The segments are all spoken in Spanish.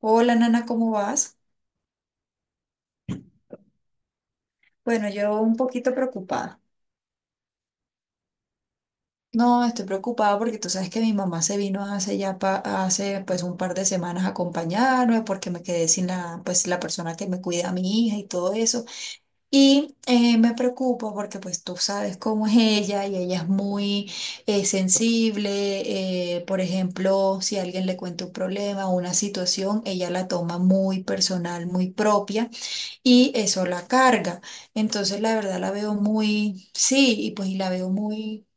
Hola, Nana, ¿cómo vas? Bueno, yo un poquito preocupada. No, estoy preocupada porque tú sabes que mi mamá se vino hace ya hace pues un par de semanas a acompañarme porque me quedé sin la persona que me cuida a mi hija y todo eso. Y me preocupa porque pues tú sabes cómo es ella y ella es muy sensible. Por ejemplo, si alguien le cuenta un problema o una situación, ella la toma muy personal, muy propia. Y eso la carga. Entonces, la verdad la veo muy, sí, y pues la veo muy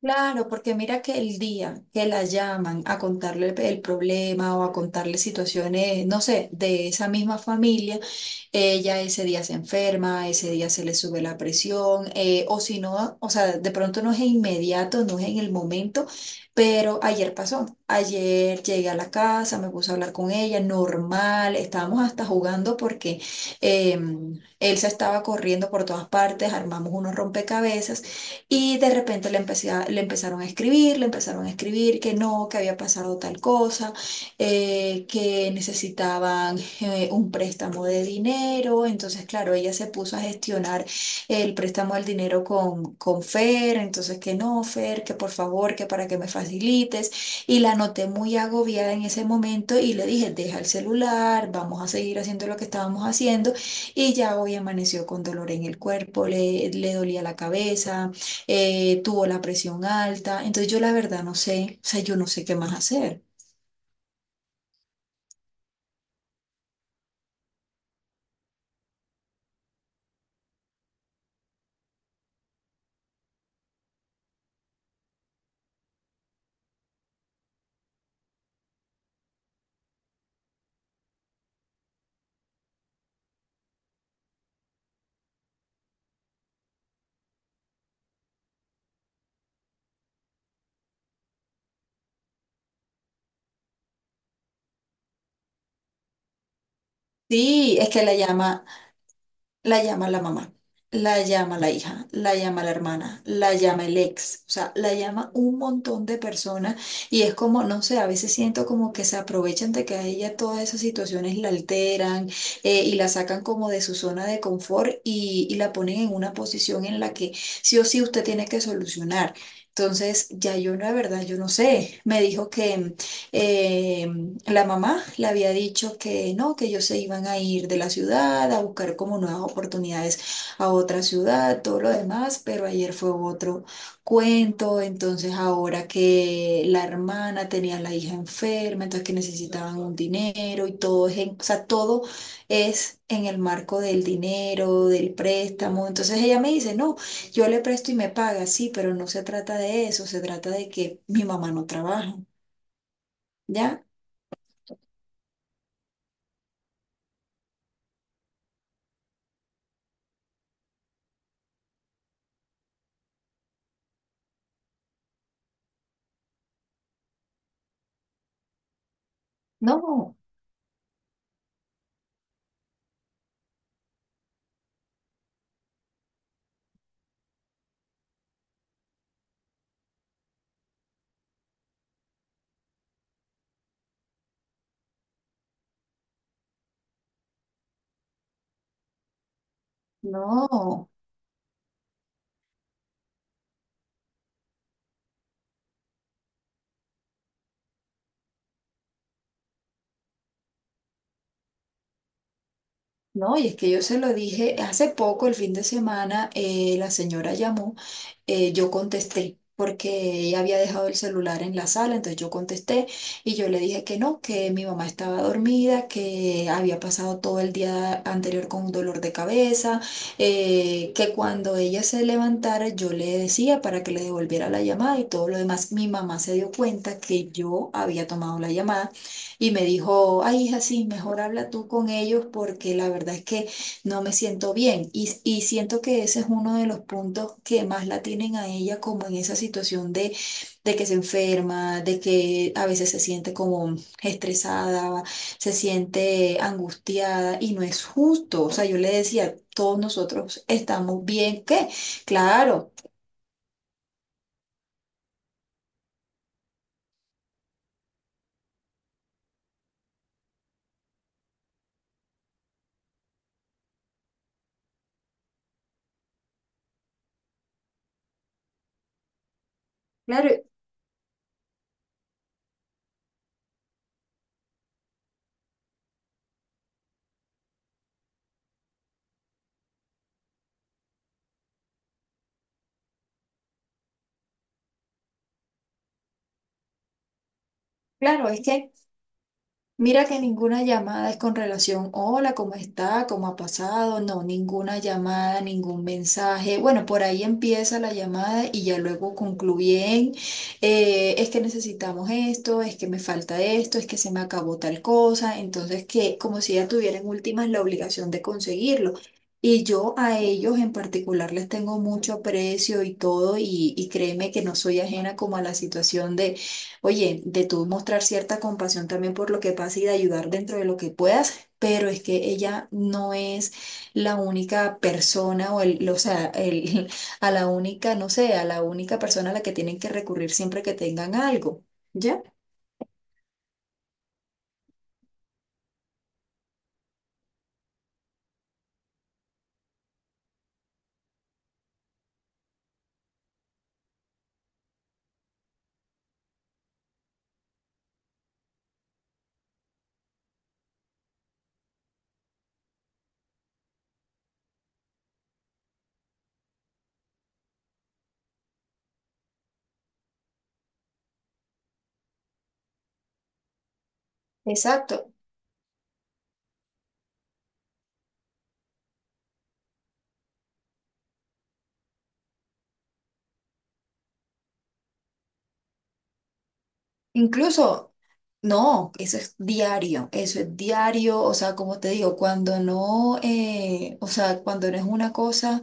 claro, porque mira que el día que la llaman a contarle el problema o a contarle situaciones, no sé, de esa misma familia, ella ese día se enferma, ese día se le sube la presión, o si no, o sea, de pronto no es inmediato, no es en el momento, pero ayer pasó. Ayer llegué a la casa, me puse a hablar con ella, normal, estábamos hasta jugando porque él se estaba corriendo por todas partes, armamos unos rompecabezas y de repente le empezaron a escribir, le empezaron a escribir que no, que había pasado tal cosa, que necesitaban un préstamo de dinero, entonces claro, ella se puso a gestionar el préstamo del dinero con Fer, entonces que no, Fer, que por favor, que para que me facilites, y la noté muy agobiada en ese momento y le dije, deja el celular, vamos a seguir haciendo lo que estábamos haciendo, y ya hoy amaneció con dolor en el cuerpo, le dolía la cabeza, tuvo la presión alta, entonces yo la verdad no sé, o sea, yo no sé qué más hacer. Sí, es que la llama, la llama la mamá, la llama la hija, la llama la hermana, la llama el ex, o sea, la llama un montón de personas y es como, no sé, a veces siento como que se aprovechan de que a ella todas esas situaciones la alteran y la sacan como de su zona de confort y la ponen en una posición en la que sí o sí usted tiene que solucionar. Entonces, ya yo no, de verdad, yo no sé. Me dijo que, eh, la mamá le había dicho que no, que ellos se iban a ir de la ciudad a buscar como nuevas oportunidades a otra ciudad, todo lo demás, pero ayer fue otro cuento, entonces ahora que la hermana tenía a la hija enferma, entonces que necesitaban un dinero y o sea, todo es en el marco del dinero, del préstamo, entonces ella me dice, no, yo le presto y me paga, sí, pero no se trata de eso, se trata de que mi mamá no trabaja. ¿Ya? No, no, no, y es que yo se lo dije hace poco, el fin de semana, la señora llamó, yo contesté, porque ella había dejado el celular en la sala, entonces yo contesté y yo le dije que no, que mi mamá estaba dormida, que había pasado todo el día anterior con un dolor de cabeza, que cuando ella se levantara yo le decía para que le devolviera la llamada y todo lo demás. Mi mamá se dio cuenta que yo había tomado la llamada y me dijo, ay, hija, sí, mejor habla tú con ellos porque la verdad es que no me siento bien. Y siento que ese es uno de los puntos que más la tienen a ella como en esa situación de que se enferma, de que a veces se siente como estresada, se siente angustiada y no es justo. O sea, yo le decía, todos nosotros estamos bien, ¿qué? Claro, claro, claro, es que... Mira que ninguna llamada es con relación, hola, ¿cómo está? ¿Cómo ha pasado? No, ninguna llamada, ningún mensaje. Bueno, por ahí empieza la llamada y ya luego concluyen, es que necesitamos esto, es que me falta esto, es que se me acabó tal cosa. Entonces, que como si ya tuvieran últimas la obligación de conseguirlo. Y yo a ellos en particular les tengo mucho aprecio y todo, y créeme que no soy ajena como a la situación de oye, de tú mostrar cierta compasión también por lo que pasa y de ayudar dentro de lo que puedas, pero es que ella no es la única persona o el, o sea, el, a la única, no sé, a la única persona a la que tienen que recurrir siempre que tengan algo. ¿Ya? Exacto. Incluso, no, eso es diario, o sea, como te digo, cuando no, o sea, cuando no es una cosa,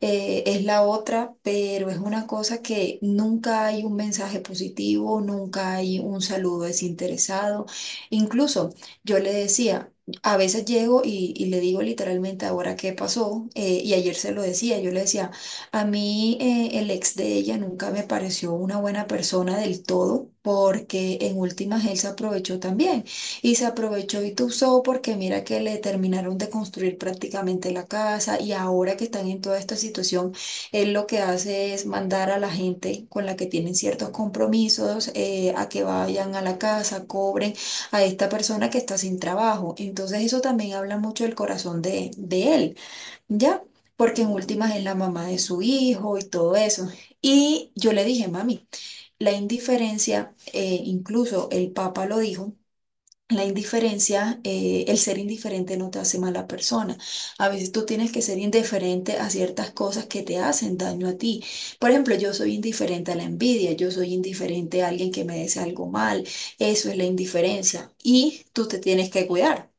es la otra, pero es una cosa que nunca hay un mensaje positivo, nunca hay un saludo desinteresado. Incluso yo le decía, a veces llego y le digo literalmente ahora qué pasó, y ayer se lo decía, yo le decía, a mí el ex de ella nunca me pareció una buena persona del todo porque en últimas él se aprovechó también y se aprovechó y tuzó porque mira que le terminaron de construir prácticamente la casa y ahora que están en toda esta situación, él lo que hace es mandar a la gente con la que tienen ciertos compromisos a que vayan a la casa, cobren a esta persona que está sin trabajo. Entonces eso también habla mucho del corazón de él, ¿ya? Porque en últimas es la mamá de su hijo y todo eso. Y yo le dije, mami, la indiferencia, incluso el Papa lo dijo, la indiferencia, el ser indiferente no te hace mala persona. A veces tú tienes que ser indiferente a ciertas cosas que te hacen daño a ti. Por ejemplo, yo soy indiferente a la envidia, yo soy indiferente a alguien que me desea algo mal. Eso es la indiferencia. Y tú te tienes que cuidar.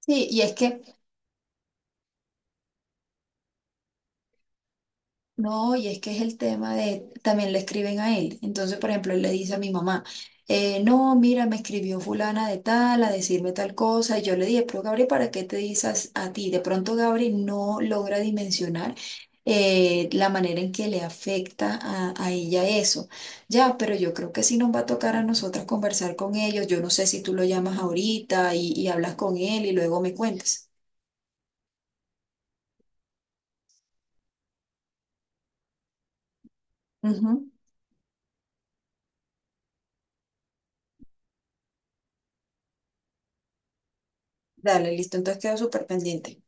Sí, y es que... No, y es que es el tema de, también le escriben a él. Entonces, por ejemplo, él le dice a mi mamá, no, mira, me escribió fulana de tal a decirme tal cosa. Y yo le dije, pero Gabriel, ¿para qué te dices a ti? De pronto Gabriel no logra dimensionar la manera en que le afecta a ella eso. Ya, pero yo creo que sí nos va a tocar a nosotras conversar con ellos. Yo no sé si tú lo llamas ahorita y hablas con él y luego me cuentas. Ujú. Dale, listo. Entonces quedo súper pendiente.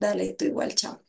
Dale, tú igual, chao.